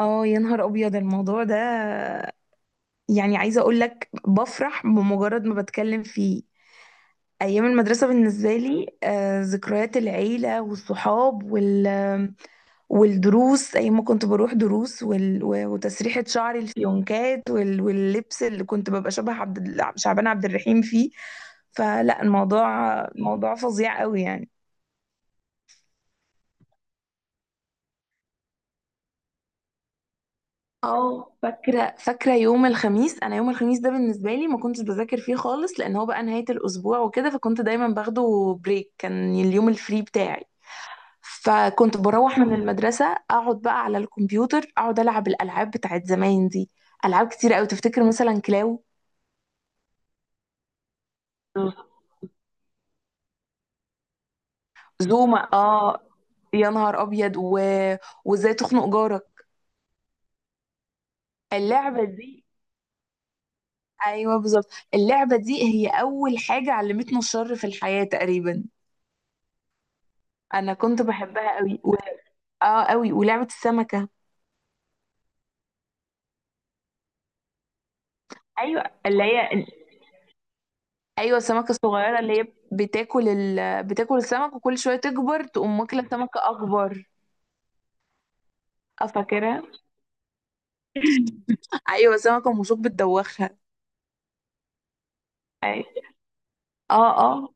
اه يا نهار ابيض الموضوع ده. يعني عايزه اقول لك بفرح بمجرد ما بتكلم فيه. ايام المدرسه بالنسبه لي ذكريات العيله والصحاب والدروس، ايام ما كنت بروح دروس وتسريحه شعري الفيونكات واللبس اللي كنت ببقى شبه شعبان عبد الرحيم فيه. فلا الموضوع موضوع فظيع قوي يعني. اه فاكرة يوم الخميس. أنا يوم الخميس ده بالنسبة لي ما كنتش بذاكر فيه خالص، لأن هو بقى نهاية الأسبوع وكده، فكنت دايما باخده بريك. كان اليوم الفري بتاعي. فكنت بروح من المدرسة، أقعد بقى على الكمبيوتر، أقعد ألعب الألعاب بتاعت زمان دي. ألعاب كتير أوي، تفتكر مثلا كلاو؟ زوما، اه يا نهار أبيض وإزاي تخنق جارك. اللعبة دي، أيوه بالظبط. اللعبة دي هي أول حاجة علمتنا الشر في الحياة تقريبا. انا كنت بحبها قوي اه قوي. ولعبة السمكة، ايوه اللي هي، ايوه السمكة الصغيرة اللي هي بتاكل السمك، وكل شوية تكبر تقوم واكلة سمكة اكبر. اه فاكرها. ايوه سمكة ومشوك بتدوخها. أيوة. اه اه،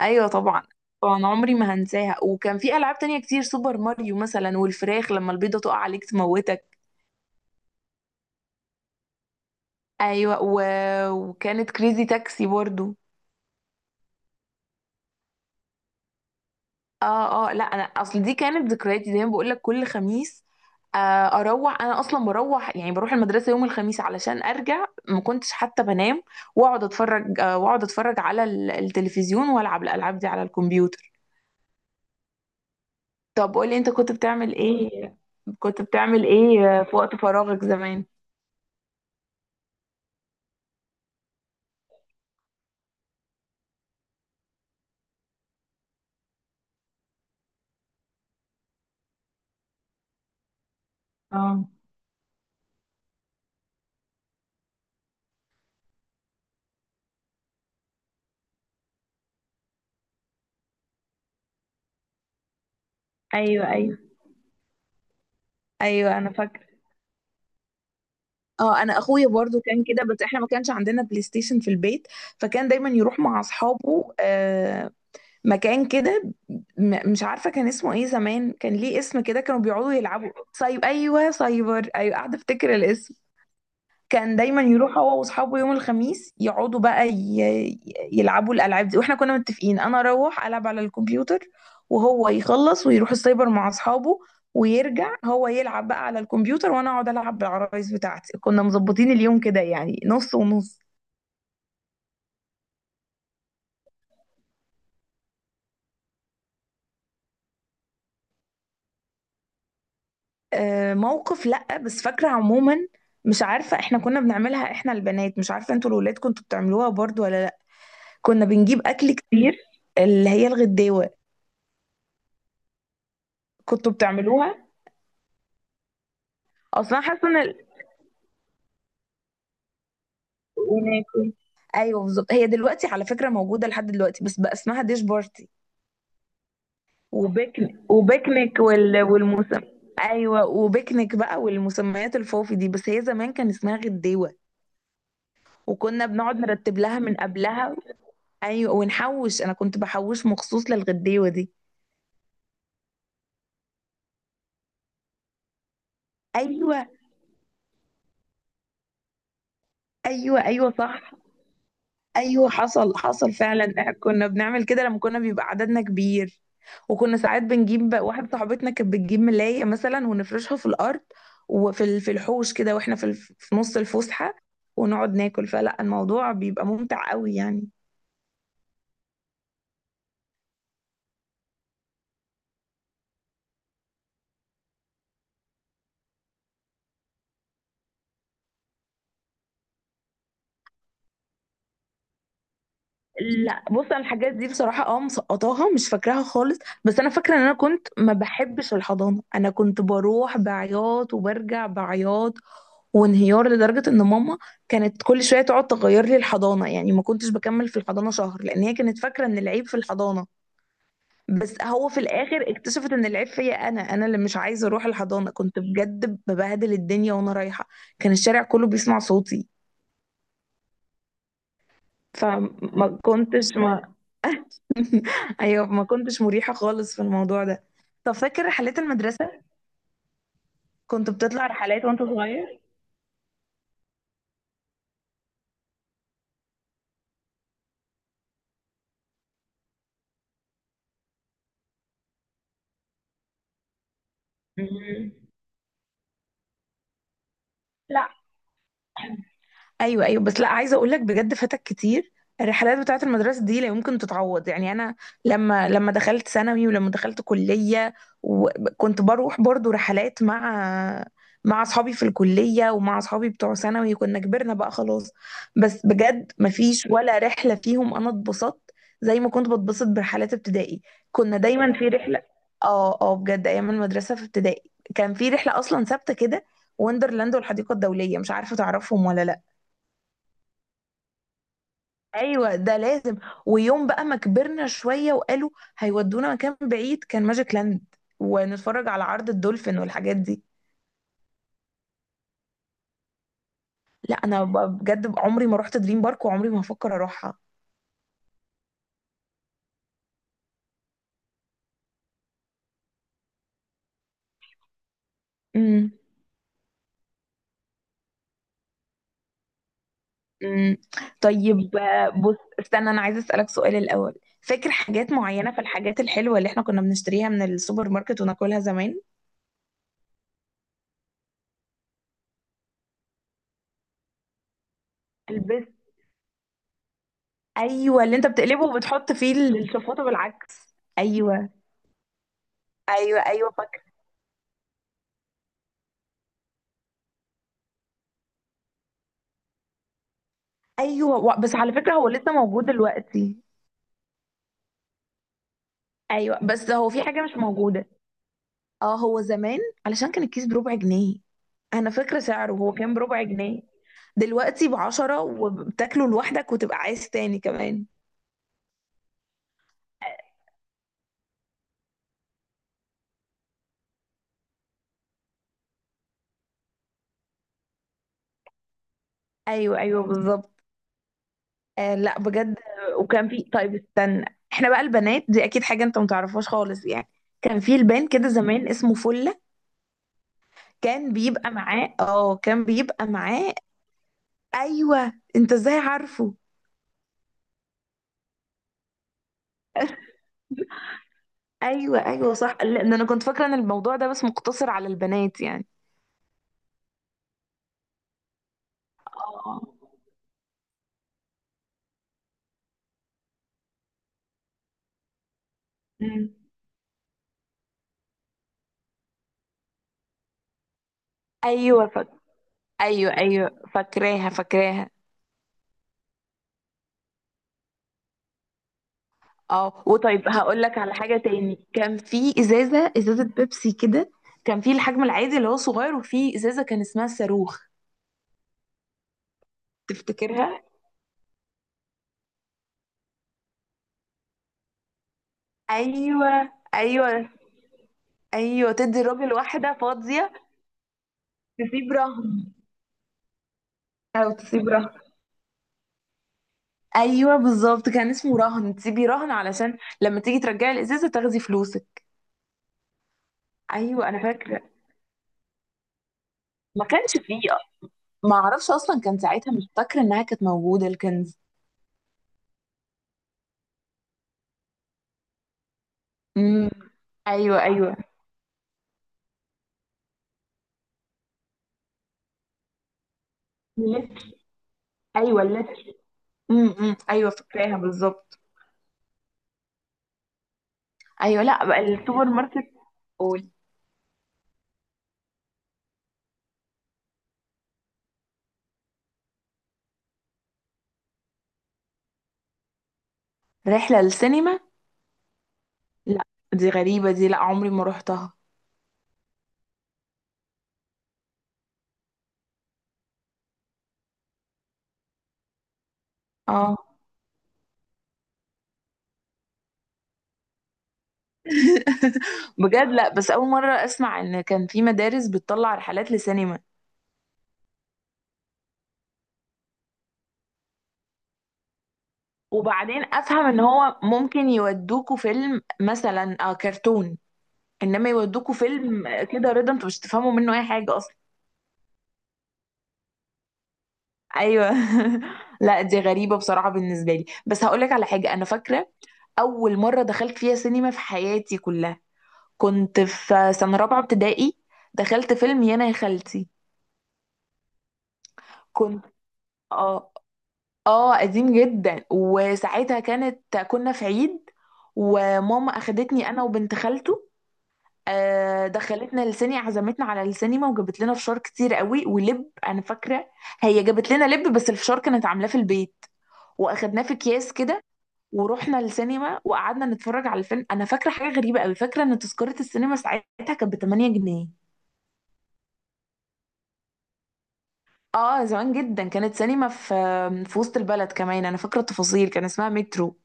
ايوه طبعا. طبعا عمري ما هنساها. وكان في العاب تانية كتير، سوبر ماريو مثلا، والفراخ لما البيضة تقع عليك تموتك. ايوه وكانت كريزي تاكسي برضو. اه اه، لا انا اصل دي كانت ذكرياتي زي ما بقول لك كل خميس. آه، اروح، انا اصلا بروح يعني بروح المدرسه يوم الخميس علشان ارجع ما كنتش حتى بنام. واقعد اتفرج، واقعد اتفرج على التلفزيون والعب الالعاب دي على الكمبيوتر. طب قولي انت كنت بتعمل ايه، كنت بتعمل ايه في وقت فراغك زمان؟ اه، ايوه ايوه. ايوه انا فاكره. اه انا اخويا برضو كان كده، بس احنا ما كانش عندنا بلاي ستيشن في البيت. فكان دايما يروح مع اصحابه، مكان كده مش عارفه كان اسمه ايه زمان، كان ليه اسم كده، كانوا بيقعدوا يلعبوا سايب، ايوه سايبر، ايوه قاعده افتكر الاسم. كان دايما يروح هو واصحابه يوم الخميس يقعدوا بقى يلعبوا الالعاب دي، واحنا كنا متفقين انا اروح العب على الكمبيوتر، وهو يخلص ويروح السايبر مع اصحابه، ويرجع هو يلعب بقى على الكمبيوتر وانا اقعد العب بالعرايس بتاعتي. كنا مظبطين اليوم كده يعني نص ونص. موقف لأ، بس فاكرة عموما. مش عارفة احنا كنا بنعملها احنا البنات، مش عارفة انتوا الولاد كنتوا بتعملوها برضو ولا لأ، كنا بنجيب أكل كتير، اللي هي الغداوة. كنتوا بتعملوها؟ أصلا حاسة ان وناكل، ايوه بالظبط. هي دلوقتي على فكرة موجودة لحد دلوقتي، بس بقى اسمها ديش بارتي وبيكنيك والمسم، ايوه وبيكنيك بقى والمسميات الفوفي دي، بس هي زمان كان اسمها غداوة. وكنا بنقعد نرتب لها من قبلها. ايوه ونحوش، انا كنت بحوش مخصوص للغديوه دي. ايوه ايوه، ايوه صح. ايوه حصل حصل فعلا، كنا بنعمل كده لما كنا بيبقى عددنا كبير. وكنا ساعات بنجيب واحد صاحبتنا كانت بتجيب ملايه مثلا ونفرشها في الارض، وفي في الحوش كده، واحنا في في نص الفسحه، ونقعد ناكل، فلا الموضوع بيبقى ممتع قوي يعني. لا بص، انا الحاجات دي بصراحه اه مسقطاها مش فاكراها خالص. بس انا فاكره ان انا كنت ما بحبش الحضانه، انا كنت بروح بعياط وبرجع بعياط وانهيار، لدرجه ان ماما كانت كل شويه تقعد تغير لي الحضانه. يعني ما كنتش بكمل في الحضانه شهر، لان هي كانت فاكره ان العيب في الحضانه، بس هو في الاخر اكتشفت ان العيب فيا انا، انا اللي مش عايزه اروح الحضانه. كنت بجد ببهدل الدنيا وانا رايحه، كان الشارع كله بيسمع صوتي. فما كنتش ما ايوه ما كنتش مريحة خالص في الموضوع ده. طب فاكر رحلات المدرسة، كنت بتطلع رحلات وانت صغير؟ مم. لا، ايوه ايوه. بس لا عايزه اقول لك بجد فاتك كتير. الرحلات بتاعه المدرسه دي لا يمكن تتعوض يعني. انا لما دخلت ثانوي ولما دخلت كليه، وكنت بروح برضو رحلات مع مع اصحابي في الكليه ومع اصحابي بتوع ثانوي، كنا كبرنا بقى خلاص، بس بجد مفيش ولا رحله فيهم انا اتبسطت زي ما كنت بتبسط برحلات ابتدائي. كنا دايما في رحله. اه اه، بجد ايام المدرسه في ابتدائي كان في رحله اصلا ثابته كده، وندرلاند والحديقه الدوليه، مش عارفه تعرفهم ولا لا. ايوه ده لازم. ويوم بقى ما كبرنا شويه وقالوا هيودونا مكان بعيد، كان ماجيك لاند، ونتفرج على عرض الدولفين والحاجات دي. لا انا بجد عمري ما رحت دريم بارك وعمري ما هفكر اروحها. امم، امم. طيب بص استنى، انا عايزه اسالك سؤال الاول، فاكر حاجات معينه في الحاجات الحلوه اللي احنا كنا بنشتريها من السوبر ماركت وناكلها زمان؟ البس، ايوه اللي انت بتقلبه وبتحط فيه الشفاطه بالعكس، ايوه. ايوه ايوه، بس على فكره هو لسه موجود دلوقتي. ايوه بس هو في حاجه مش موجوده. اه هو زمان، علشان كان الكيس بربع جنيه، انا فاكره سعره، هو كان بربع جنيه. دلوقتي بعشرة وبتاكله لوحدك وتبقى عايز تاني كمان. ايوه ايوه بالظبط. آه لا بجد، وكان في، طيب استنى، احنا بقى البنات دي اكيد حاجه انت متعرفهاش خالص يعني. كان في لبان كده زمان اسمه فله، كان بيبقى معاه. ايوه انت ازاي عارفه؟ ايوه ايوه صح، لان انا كنت فاكره ان الموضوع ده بس مقتصر على البنات يعني. اه. مم. ايوه ايوه ايوه، فاكراها. اه وطيب هقول لك على حاجه تاني، كان في ازازه، ازازه بيبسي كده، كان في الحجم العادي اللي هو صغير، وفي ازازه كان اسمها صاروخ. تفتكرها؟ ايوه ايوه. ايوه تدي الراجل واحده فاضيه، تسيب رهن، او تسيب رهن. ايوه بالظبط، كان اسمه رهن، تسيبي رهن علشان لما تيجي ترجعي الازازه تاخدي فلوسك. ايوه انا فاكره، ما كانش فيه، ما اعرفش اصلا كان ساعتها، مش فاكره انها كانت موجوده الكنز. امم. ايوه ايوه، اللتر، ايوه اللتر. ايوه فاكراها بالظبط. ايوه لا بقى السوبر ماركت، قول. رحله للسينما؟ لا، دي غريبه دي، لا عمري ما رحتها. اه. بجد؟ لا بس اول مره اسمع ان كان في مدارس بتطلع رحلات لسينما. وبعدين افهم ان هو ممكن يودوكوا فيلم مثلا آه كرتون، انما يودوكوا فيلم كده رضا، انتوا مش تفهموا منه اي حاجه اصلا. ايوه. لا دي غريبه بصراحه بالنسبه لي. بس هقول لك على حاجه انا فاكره، اول مره دخلت فيها سينما في حياتي كلها، كنت في سنه رابعه ابتدائي، دخلت فيلم يانا يا خالتي. كنت، اه اه قديم جدا. وساعتها كانت كنا في عيد، وماما اخدتني انا وبنت خالته، دخلتنا للسينما، عزمتنا على السينما، وجابت لنا فشار كتير قوي ولب. انا فاكره هي جابت لنا لب، بس الفشار كانت عاملاه في البيت واخدناه في اكياس كده. ورحنا للسينما وقعدنا نتفرج على الفيلم. انا فاكره حاجه غريبه قوي، فاكره ان تذكره السينما ساعتها كانت ب 8 جنيه. اه زمان جدا. كانت سينما في في وسط البلد كمان، انا فاكره التفاصيل، كان اسمها مترو.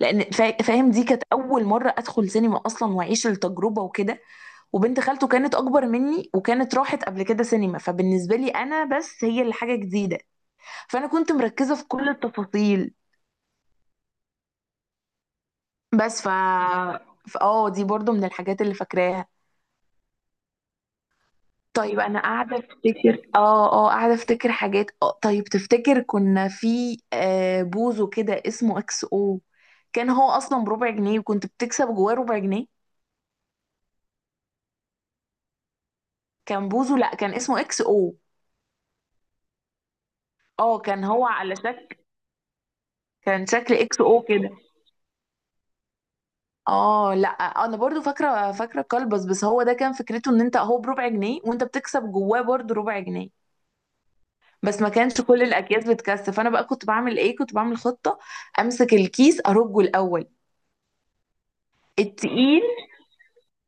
لان فاهم، دي كانت اول مره ادخل سينما اصلا واعيش التجربه وكده. وبنت خالته كانت اكبر مني وكانت راحت قبل كده سينما، فبالنسبه لي انا بس هي اللي حاجه جديده، فانا كنت مركزه في كل التفاصيل. بس ف اه دي برضو من الحاجات اللي فاكراها. طيب انا قاعده افتكر، اه اه قاعده افتكر حاجات. اه طيب تفتكر كنا في بوزو كده اسمه اكس او؟ كان هو اصلا بربع جنيه وكنت بتكسب جواه ربع جنيه. كان بوزو، لا كان اسمه اكس او. اه كان هو على شكل، كان شكل اكس او كده. اه لا انا برضو فاكره، فاكره كلبس، بس هو ده كان فكرته ان انت، هو بربع جنيه وانت بتكسب جواه برضو ربع جنيه. بس ما كانش كل الاكياس بتكسب، فانا بقى كنت بعمل ايه، كنت بعمل خطه، امسك الكيس ارجه الاول. التقيل.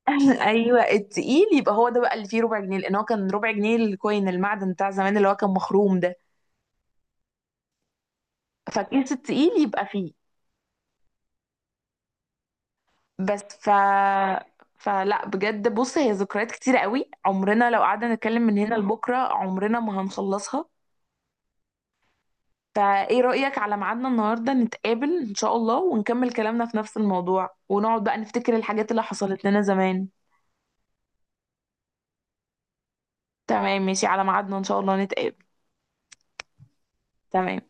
ايوه التقيل يبقى هو ده بقى اللي فيه ربع جنيه، لان هو كان ربع جنيه الكوين المعدن بتاع زمان اللي هو كان مخروم ده. فالكيس التقيل يبقى فيه. بس ف فلا بجد بص، هي ذكريات كتيرة قوي، عمرنا لو قعدنا نتكلم من هنا لبكرة عمرنا ما هنخلصها. فايه رأيك على ميعادنا النهارده، نتقابل ان شاء الله ونكمل كلامنا في نفس الموضوع، ونقعد بقى نفتكر الحاجات اللي حصلت لنا زمان. تمام ماشي، على ميعادنا ان شاء الله نتقابل. تمام.